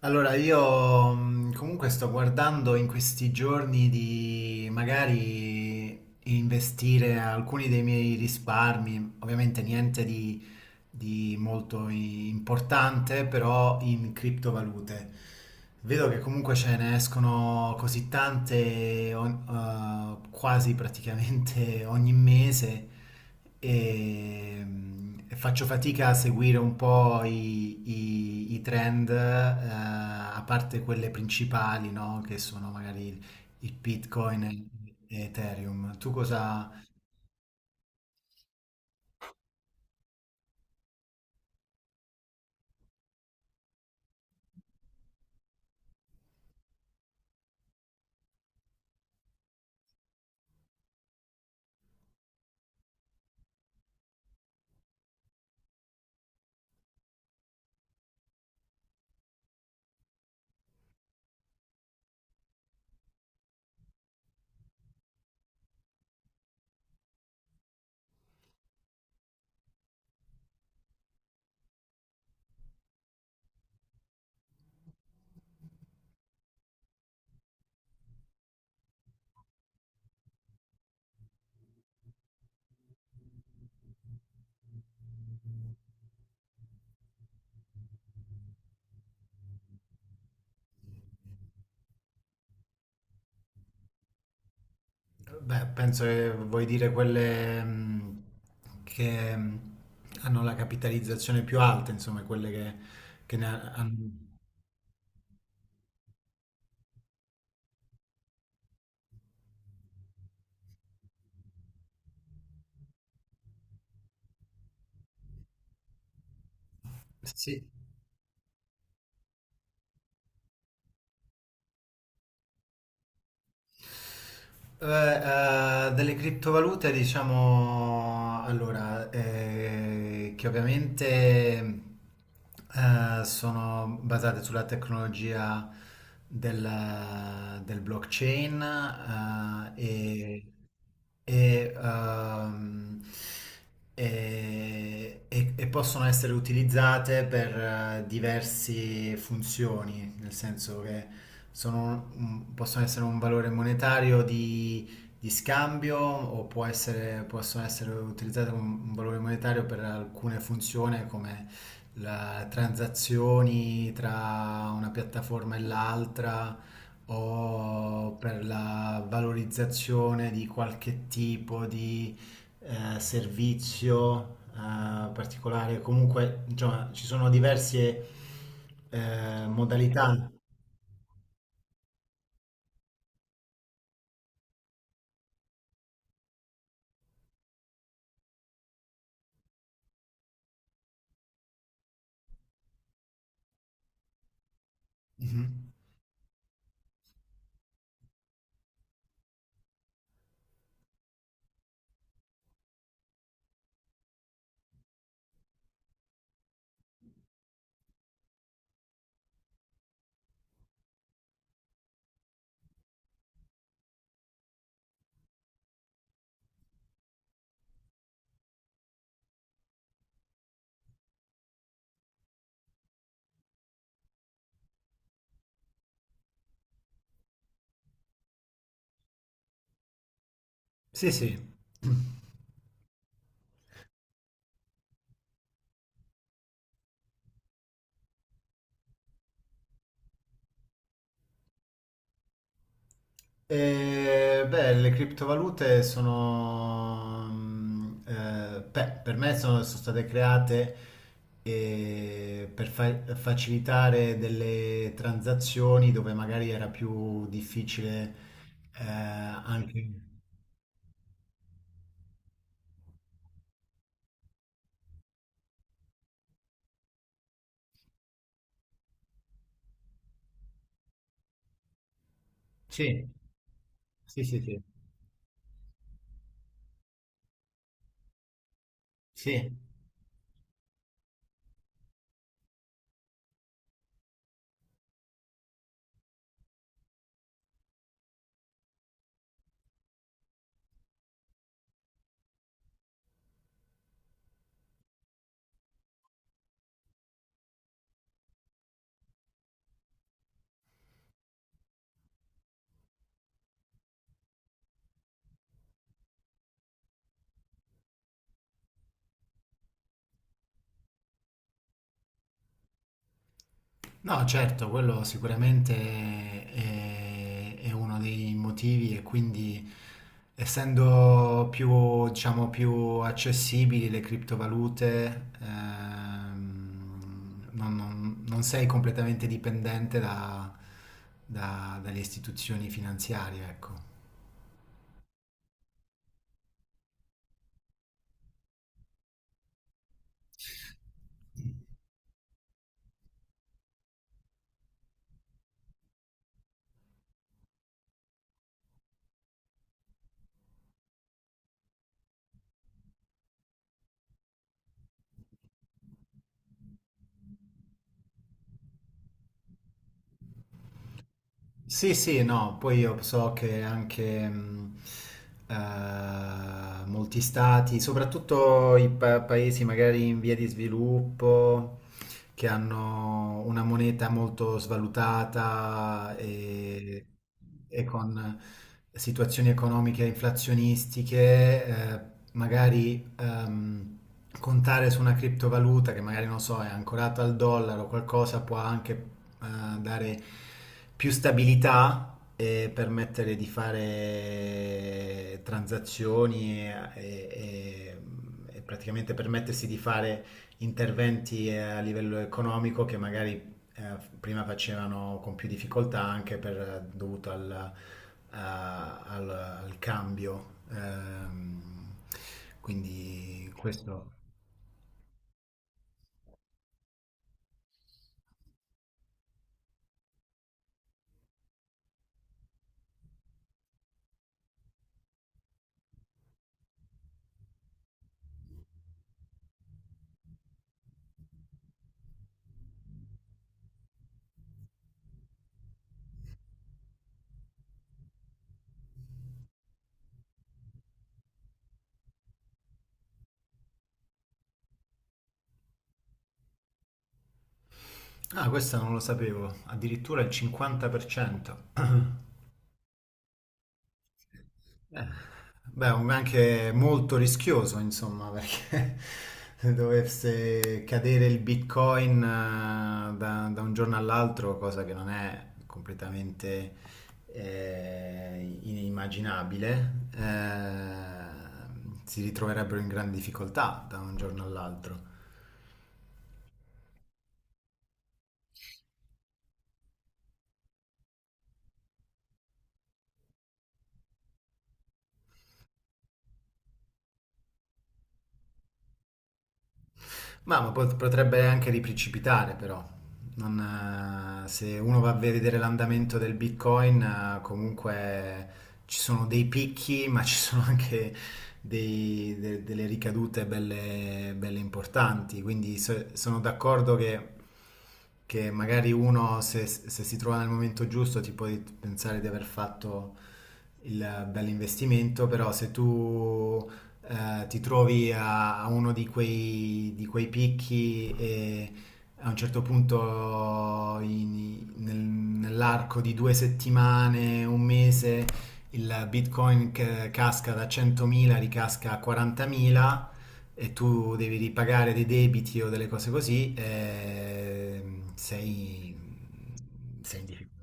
Allora, io comunque sto guardando in questi giorni di magari investire alcuni dei miei risparmi, ovviamente niente di molto importante, però in criptovalute. Vedo che comunque ce ne escono così tante, quasi praticamente ogni mese, e faccio fatica a seguire un po' i trend, a parte quelle principali, no? Che sono magari il Bitcoin e Ethereum. Tu cosa... Beh, penso che vuoi dire quelle che hanno la capitalizzazione più alta, insomma, quelle che, hanno... Sì. Delle criptovalute, diciamo, allora, che ovviamente sono basate sulla tecnologia del blockchain, eh, e, e, ehm, e possono essere utilizzate per diverse funzioni, nel senso che possono essere un valore monetario di scambio o possono essere utilizzate come un valore monetario per alcune funzioni come transazioni tra una piattaforma e l'altra o per la valorizzazione di qualche tipo di servizio particolare. Comunque, insomma, ci sono diverse modalità. Mhm. Sì, sì. Le criptovalute sono, beh, per me sono state create per facilitare delle transazioni dove magari era più difficile, anche... Sì, sì, sì, sì. Sì. No, certo, quello sicuramente è uno dei motivi e quindi essendo più, diciamo, più accessibili le criptovalute, non sei completamente dipendente dalle istituzioni finanziarie, ecco. Sì, sì, no, poi io so che anche molti stati, soprattutto i paesi magari in via di sviluppo, che hanno una moneta molto svalutata e con situazioni economiche inflazionistiche, magari contare su una criptovaluta che magari non so, è ancorata al dollaro o qualcosa può anche dare più stabilità. E permettere di fare transazioni e praticamente permettersi di fare interventi a livello economico che magari prima facevano con più difficoltà anche per, dovuto al cambio. Quindi questo... Ah, questo non lo sapevo, addirittura il 50%. Eh, Beh, anche molto rischioso, insomma, perché se dovesse cadere il Bitcoin, da un giorno all'altro, cosa che non è completamente inimmaginabile, eh, si ritroverebbero in grande difficoltà da un giorno all'altro. Ma, potrebbe anche riprecipitare però. Non, Se uno va a vedere l'andamento del Bitcoin, comunque ci sono dei picchi, ma ci sono anche delle ricadute belle, belle importanti. Quindi sono d'accordo che magari uno, se si trova nel momento giusto, ti può pensare di aver fatto il bell'investimento, però se tu a uno di quei picchi e a un certo punto nell'arco di due settimane, un mese, il Bitcoin che casca da 100.000 ricasca a 40.000 e tu devi ripagare dei debiti o delle cose così, sei in difficoltà.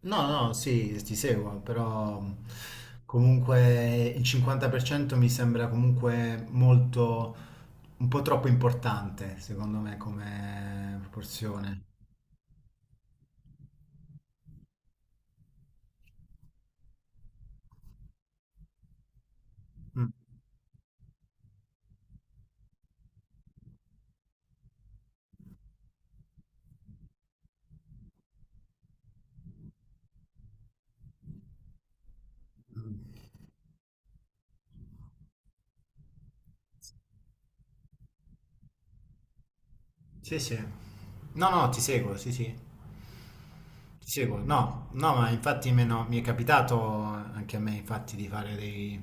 No, no, no, sì, ti seguo, però comunque il 50% mi sembra comunque molto, un po' troppo importante, secondo me, come proporzione. Mm, mm. Sì, sì. No, no, ti seguo, sì, sì. Ti seguo. No, no, ma infatti me no- mi è capitato anche a me infatti di fare dei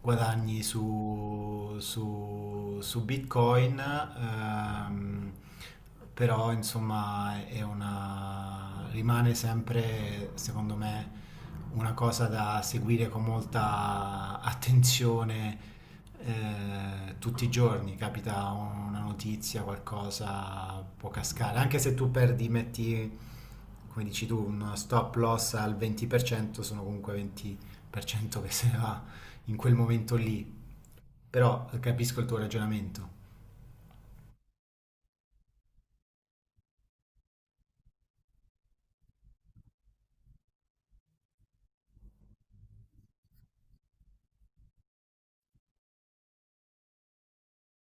guadagni su Bitcoin, però insomma rimane sempre, secondo me, una cosa da seguire con molta attenzione. Eh, tutti i giorni capita una notizia, qualcosa può cascare, anche se tu perdi, metti come dici tu, un stop loss al 20%, sono comunque 20% che se ne va in quel momento lì. Però capisco il tuo ragionamento.